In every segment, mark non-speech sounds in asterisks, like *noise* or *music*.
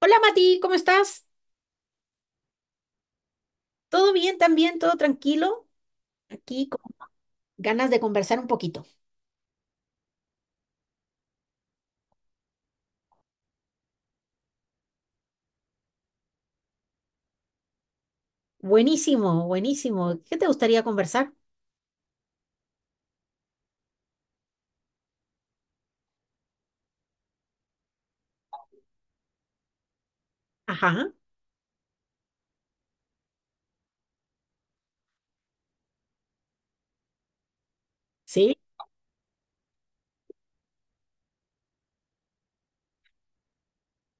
Hola Mati, ¿cómo estás? ¿Todo bien también? ¿Todo tranquilo? Aquí con ganas de conversar un poquito. Buenísimo, buenísimo. ¿Qué te gustaría conversar? Ajá, sí,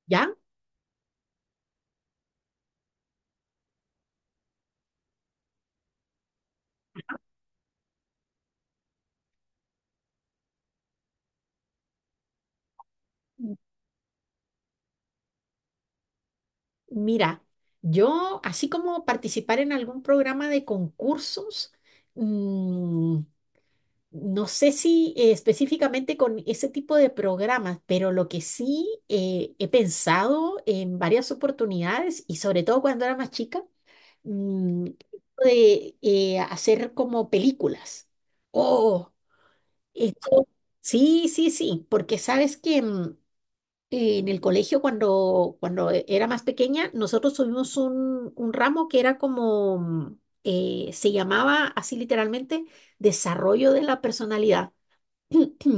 ya. M- Mira, yo así como participar en algún programa de concursos, mm, no sé si específicamente con ese tipo de programas, pero lo que sí he pensado en varias oportunidades y sobre todo cuando era más chica. mm, de hacer como películas. Oh, esto- sí, sí, sí, porque sabes que en el colegio cuando, era más pequeña, nosotros tuvimos un ramo que era como, se llamaba así literalmente, desarrollo de la personalidad. *clears throat*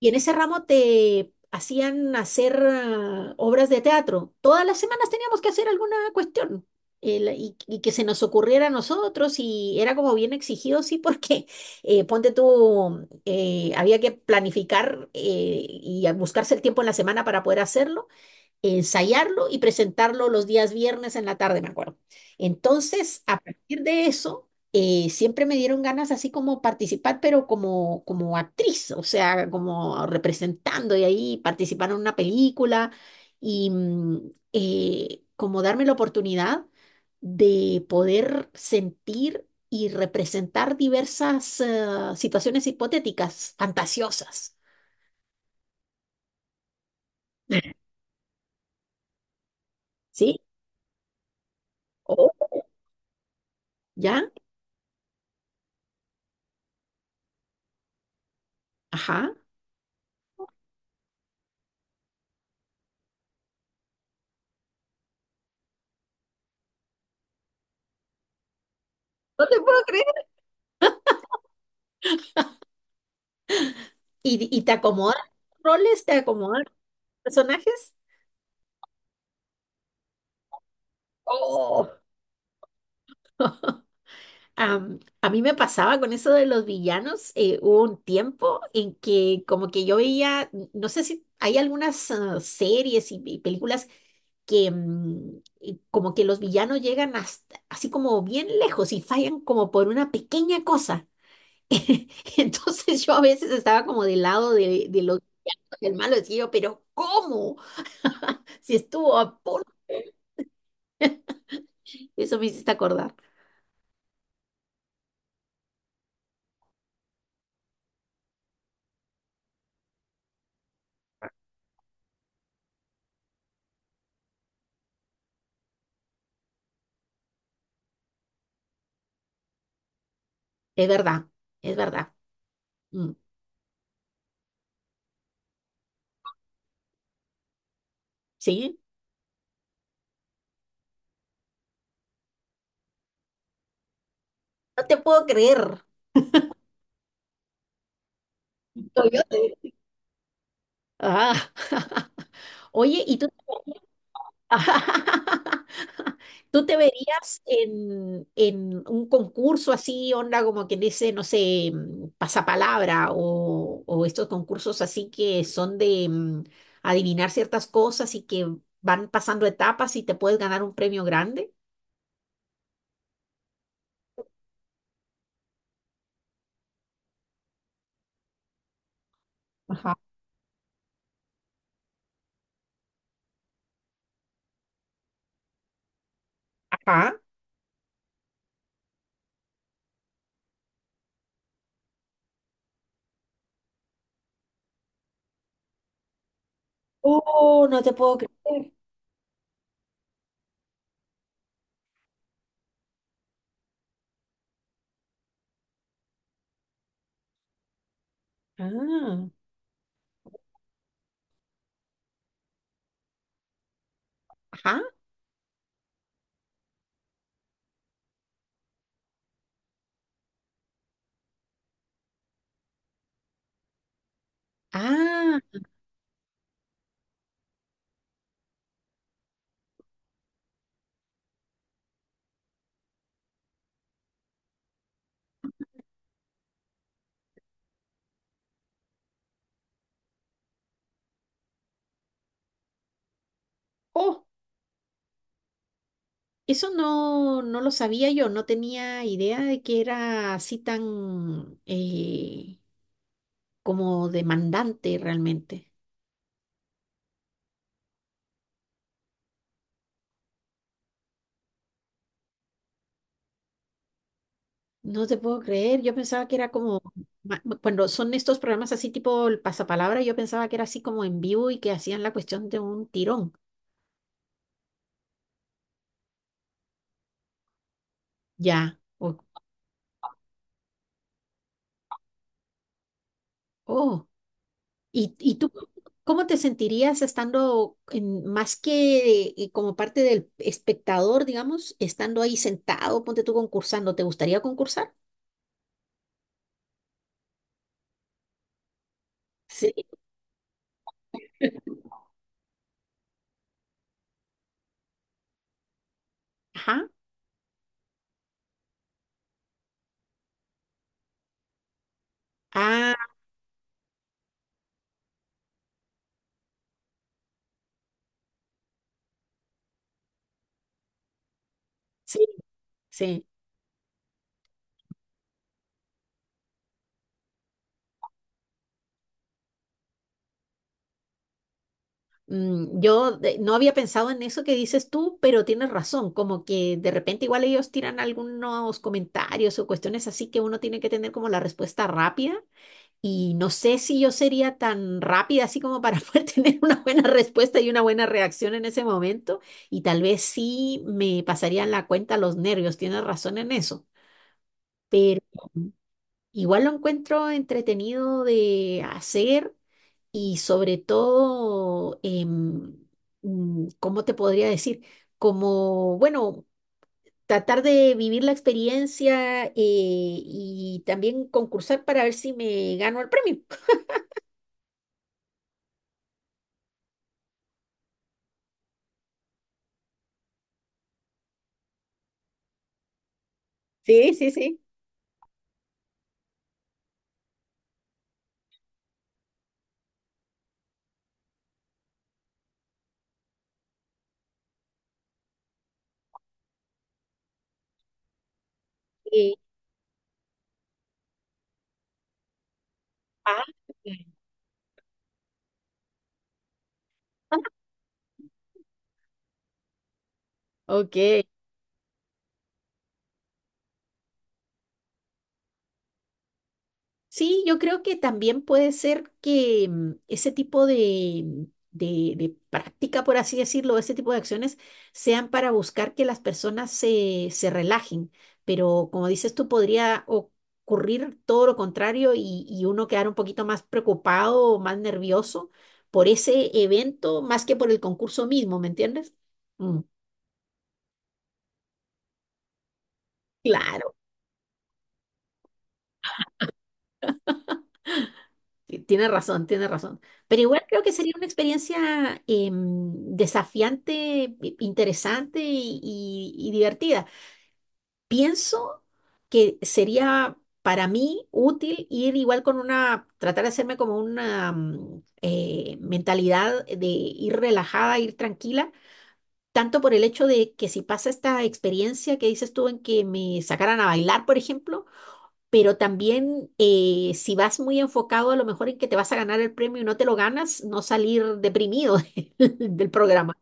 Y en ese ramo te hacían hacer obras de teatro. Todas las semanas teníamos que hacer alguna cuestión y que se nos ocurriera a nosotros y era como bien exigido, sí, porque *laughs* ponte tú, había que planificar y buscarse el tiempo en la semana para poder hacerlo, ensayarlo y presentarlo los días viernes en la tarde, me acuerdo. Entonces, a partir de eso, siempre me dieron ganas así como participar, pero como, como actriz, o sea, como representando y ahí participar en una película y como darme la oportunidad de poder sentir y representar diversas situaciones hipotéticas, fantasiosas. ¿Sí? Oh, ¿ya? Ajá. No te puedo creer. Y te acomodan los roles? ¿Te acomodan los personajes? Oh. *laughs* A mí me pasaba con eso de los villanos. Hubo un tiempo en que como que yo veía, no sé si hay algunas series y películas que como que los villanos llegan hasta, así como bien lejos y fallan como por una pequeña cosa. *laughs* Entonces yo a veces estaba como del lado de los, del malo, decía yo, pero ¿cómo? Si estuvo a punto. Eso me hiciste acordar. Es verdad, es verdad. Mm, sí, no te puedo creer. Toyota. Ah, oye, ¿y tú, *laughs* tú te verías en un concurso así, onda como que dice, no sé, pasapalabra o estos concursos así que son de adivinar ciertas cosas y que van pasando etapas y te puedes ganar un premio grande? Ajá. Ajá, oh, no te puedo creer. Ah, ajá. Ah, oh. Eso no, no lo sabía yo, no tenía idea de que era así tan como demandante realmente. No te puedo creer, yo pensaba que era como, cuando son estos programas así tipo el pasapalabra, yo pensaba que era así como en vivo y que hacían la cuestión de un tirón. Ya, oh. Y tú cómo te sentirías más que como parte del espectador, digamos, estando ahí sentado, ponte tú concursando, ¿te gustaría concursar? Ajá. Ah, sí, sí. Mm, no había pensado en eso que dices tú, pero tienes razón, como que de repente igual ellos tiran algunos comentarios o cuestiones así que uno tiene que tener como la respuesta rápida y no sé si yo sería tan rápida así como para *laughs* poder tener una buena respuesta y una buena reacción en ese momento y tal vez sí me pasarían la cuenta los nervios, tienes razón en eso, pero igual lo encuentro entretenido de hacer. Y sobre todo, ¿cómo te podría decir? Como, bueno, tratar de vivir la experiencia y también concursar para ver si me gano el premio. *laughs* Sí, sí, sí. Eh, ah, *laughs* ok. Sí, yo creo que también puede ser que ese tipo de, de práctica, por así decirlo, ese tipo de acciones sean para buscar que las personas se, se relajen, pero como dices tú, podría ocurrir todo lo contrario y uno quedar un poquito más preocupado o más nervioso por ese evento más que por el concurso mismo, ¿me entiendes? Mm, claro. Sí, tiene razón, tiene razón. Pero igual creo que sería una experiencia desafiante, interesante y divertida. Pienso que sería para mí útil ir igual con una, tratar de hacerme como una mentalidad de ir relajada, ir tranquila, tanto por el hecho de que si pasa esta experiencia que dices tú en que me sacaran a bailar, por ejemplo, pero también si vas muy enfocado a lo mejor en que te vas a ganar el premio y no te lo ganas, no salir deprimido *laughs* del programa.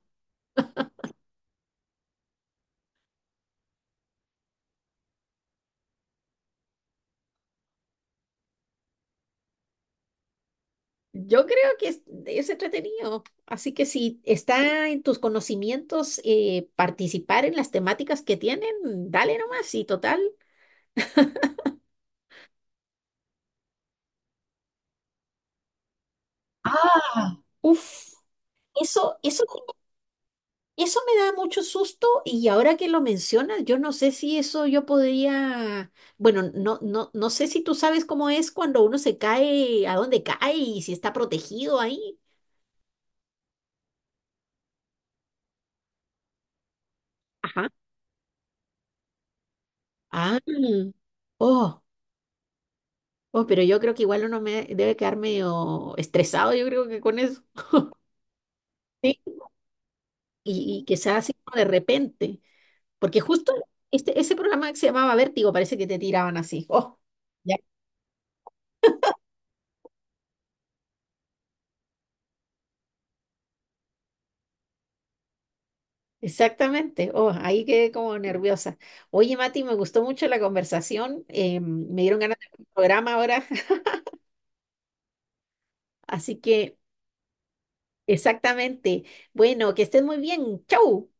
Yo creo que es entretenido, así que si está en tus conocimientos participar en las temáticas que tienen, dale nomás y total. Uf, eso, eso. Eso me da mucho susto y ahora que lo mencionas, yo no sé si eso yo podría, bueno, no, no, no sé si tú sabes cómo es cuando uno se cae, a dónde cae y si está protegido ahí. Ajá. Ah, oh, oh, pero yo creo que igual uno me debe quedar medio estresado, yo creo que con eso. Sí. Y que sea así como de repente, porque justo este, ese programa que se llamaba Vértigo parece que te tiraban así. Oh. Exactamente. Oh, ahí quedé como nerviosa. Oye, Mati, me gustó mucho la conversación. Me dieron ganas de ver un programa ahora. *laughs* Así que, exactamente. Bueno, que estés muy bien. Chau.